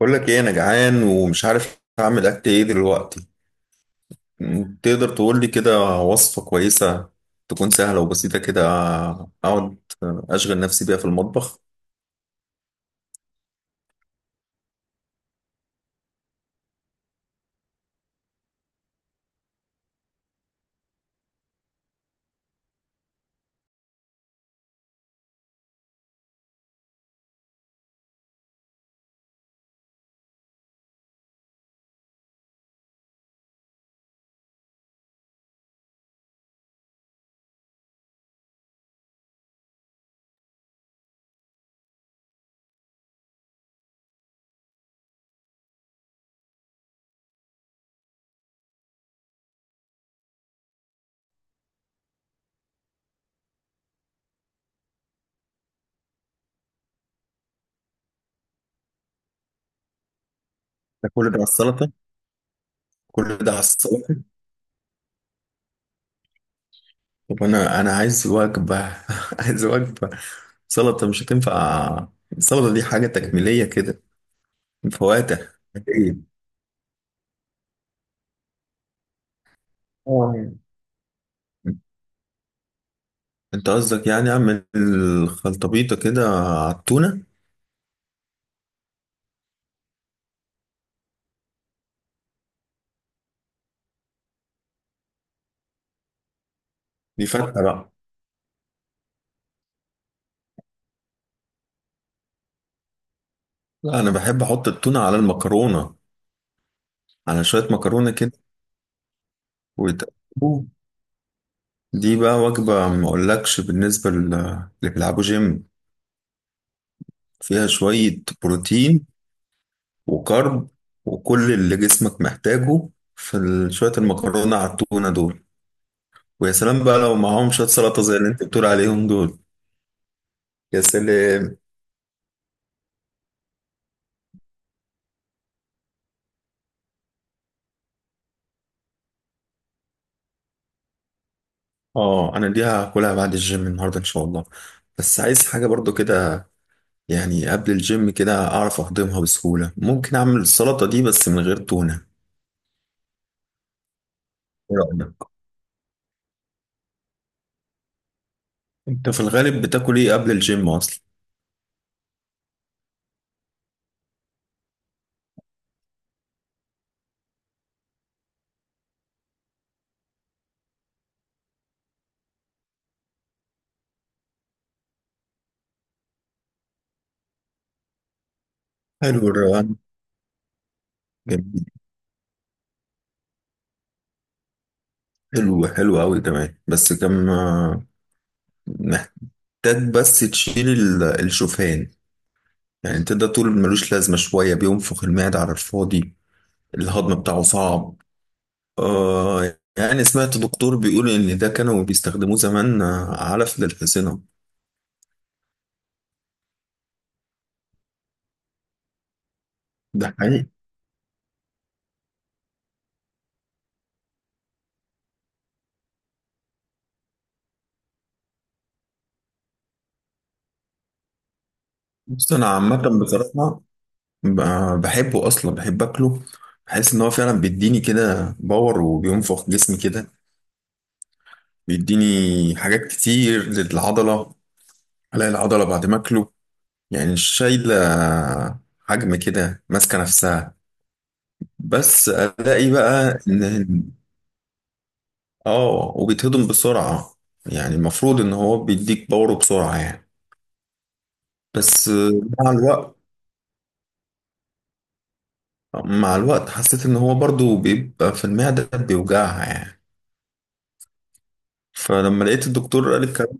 بقول لك ايه انا جعان ومش عارف اعمل اكل ايه دلوقتي. تقدر تقول لي كده وصفة كويسة تكون سهلة وبسيطة كده، اقعد اشغل نفسي بيها في المطبخ. ده كل ده على السلطة؟ كل ده على السلطة! طب انا عايز وجبة. عايز وجبة، سلطة مش هتنفع، السلطة دي حاجة تكميلية كده، من فواتح. ايه؟ آه. انت قصدك يعني اعمل خلطبيطة كده على التونة؟ دي فاتحة بقى. لا انا بحب احط التونة على المكرونة، على شوية مكرونة كده، ويتقلبوا. دي بقى وجبة ما أقولكش بالنسبة اللي بيلعبوا جيم، فيها شوية بروتين وكارب وكل اللي جسمك محتاجه في شوية المكرونة على التونة دول. ويا سلام بقى لو معاهم شوية سلطة زي اللي أنت بتقول عليهم دول. يا سلام. آه أنا دي هاكلها بعد الجيم النهاردة إن شاء الله، بس عايز حاجة برضو كده، يعني قبل الجيم كده أعرف أهضمها بسهولة، ممكن أعمل السلطة دي بس من غير تونة. إيه رأيك؟ انت في الغالب بتاكل ايه قبل الجيم اصلا؟ حلو الروقان. جميل. حلو حلو قوي كمان، بس كم محتاج. بس تشيل الشوفان، يعني انت ده طول ملوش لازمه، شويه بينفخ المعده على الفاضي، الهضم بتاعه صعب. آه، يعني سمعت دكتور بيقول ان ده كانوا بيستخدموه زمان، علف للحصينه. ده حقيقي. بص انا عامه بصراحه، بحبه اصلا، بحب اكله، بحس ان هو فعلا بيديني كده باور وبينفخ جسمي كده، بيديني حاجات كتير للعضلة. ألاقي العضلة بعد ما أكله يعني شايلة حجم كده ماسكة نفسها. بس ألاقي بقى إن. آه وبيتهضم بسرعة، يعني المفروض إن هو بيديك باور بسرعة يعني. بس مع الوقت، مع الوقت حسيت إن هو برضو بيبقى في المعدة بيوجعها يعني، فلما لقيت الدكتور قال الكلام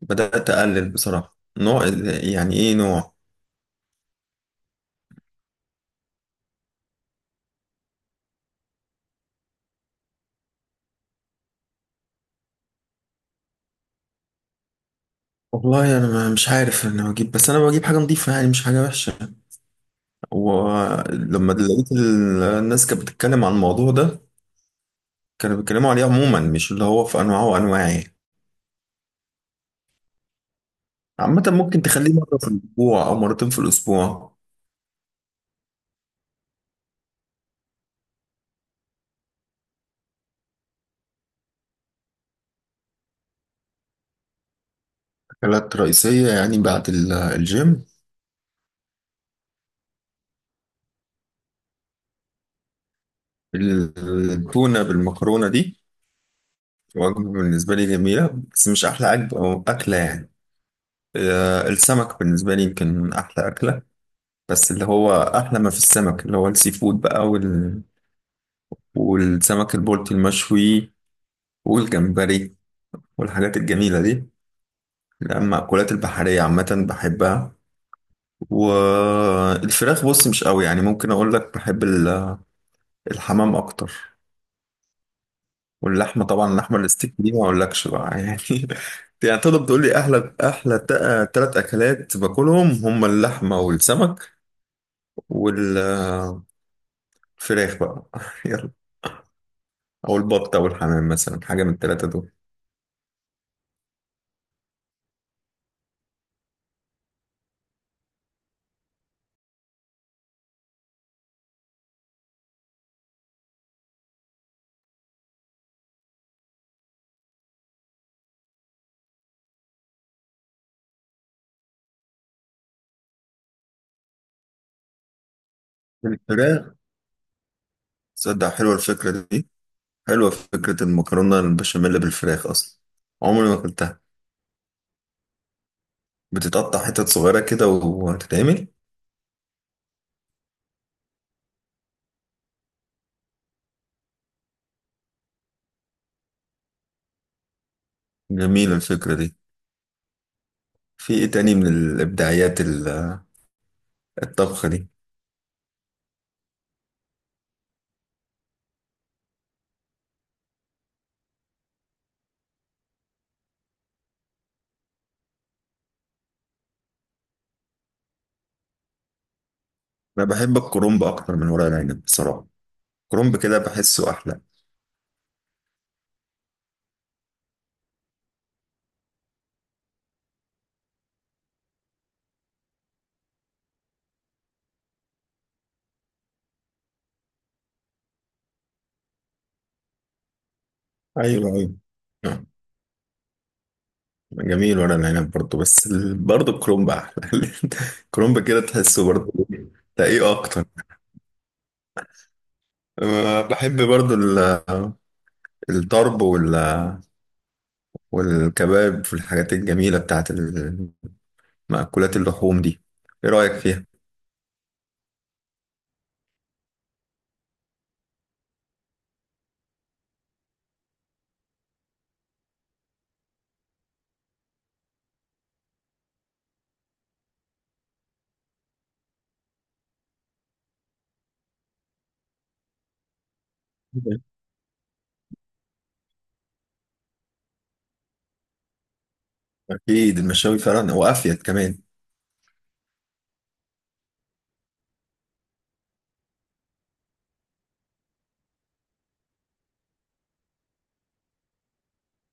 بدأت أقلل بصراحة. نوع؟ يعني إيه نوع؟ والله انا مش عارف، انا بجيب، بس انا بجيب حاجه نظيفه يعني، مش حاجه وحشه، ولما لقيت الناس كانت بتتكلم عن الموضوع ده، كانوا بيتكلموا عليه عموما مش اللي هو في انواعه وانواعه يعني. عامه ممكن تخليه مره في الاسبوع او مرتين في الاسبوع. اكلات رئيسيه يعني بعد الجيم؟ التونه بالمكرونه دي وجبه بالنسبه لي جميله، بس مش احلى عجب او اكله يعني. السمك بالنسبه لي يمكن احلى اكله، بس اللي هو احلى ما في السمك اللي هو السي فود بقى، والسمك البلطي المشوي، والجمبري، والحاجات الجميلة دي. لا، المأكولات البحرية عامة بحبها. والفراخ بص مش قوي، يعني ممكن أقول لك بحب الحمام أكتر. واللحمة طبعا، اللحمة الستيك دي ما أقولكش بقى يعني. يعني تقدر تقول لي أحلى أحلى تلات أكلات باكلهم، هما اللحمة والسمك والفراخ بقى يلا، أو البط أو الحمام مثلا، حاجة من التلاتة دول. الفراخ، تصدق حلوة الفكرة دي، حلوة فكرة المكرونة البشاميل بالفراخ أصلا، عمري ما أكلتها. بتتقطع حتت صغيرة كده وهتتعمل. جميلة الفكرة دي. في إيه تاني من الإبداعيات الطبخة دي؟ أنا بحب الكرنب أكتر من ورق العنب بصراحة، الكرنب كده بحسه أحلى. أيوة أيوة. آه، جميل ورق العنب برضه، بس برضه الكرنب أحلى الكرنب كده تحسه برضه تقيه أكتر. بحب برضه الطرب والكباب والحاجات الجميلة بتاعت مأكولات اللحوم دي. ايه رأيك فيها؟ اكيد المشاوي فعلا وافيد كمان.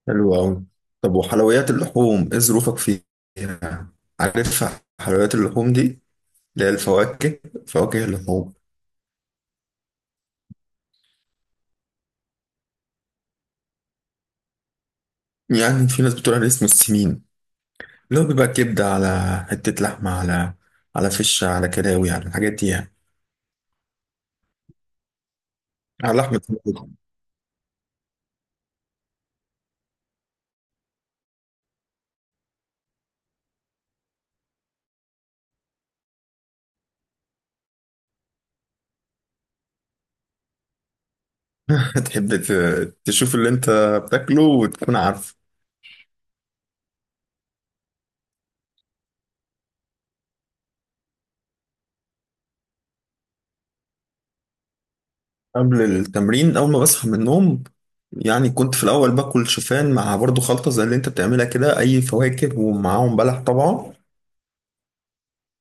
حلو قوي. طب وحلويات اللحوم ايه ظروفك فيها؟ عارف حلويات اللحوم دي؟ اللي هي الفواكه، فواكه اللحوم. يعني في ناس بتقول عليه اسمه السمين، اللي هو بيبقى كبدة على حتة لحمة، على فشة، على كلاوي، على الحاجات دي يعني، على لحمة. تحب تشوف اللي انت بتاكله وتكون عارف. قبل التمرين اول ما بصحى من النوم، يعني كنت في الاول باكل شوفان مع برضو خلطه زي اللي انت بتعملها كده، اي فواكه ومعاهم بلح طبعا.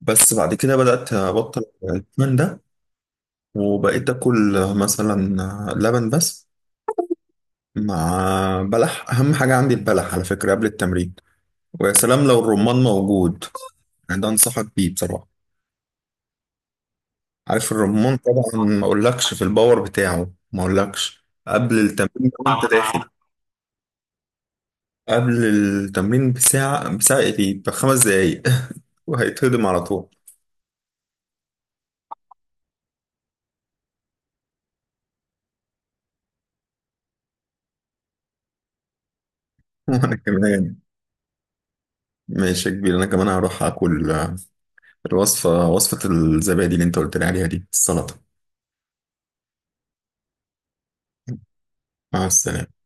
بس بعد كده بدات ابطل الشوفان ده، وبقيت اكل مثلا لبن بس مع بلح، اهم حاجه عندي البلح على فكره قبل التمرين. ويا سلام لو الرمان موجود، يعني ده انصحك بيه بصراحه. عارف الرمان طبعا، ما اقولكش في الباور بتاعه، ما اقولكش قبل التمرين وانت. قبل التمرين بساعة، بساعة ايه دي؟ ب5 دقايق وهيتهضم على طول. وانا كمان، ماشي يا كبير، انا كمان هروح اكل الوصفة، وصفة الزبادي اللي انت قلت لي عليها دي السلطة. مع السلامة.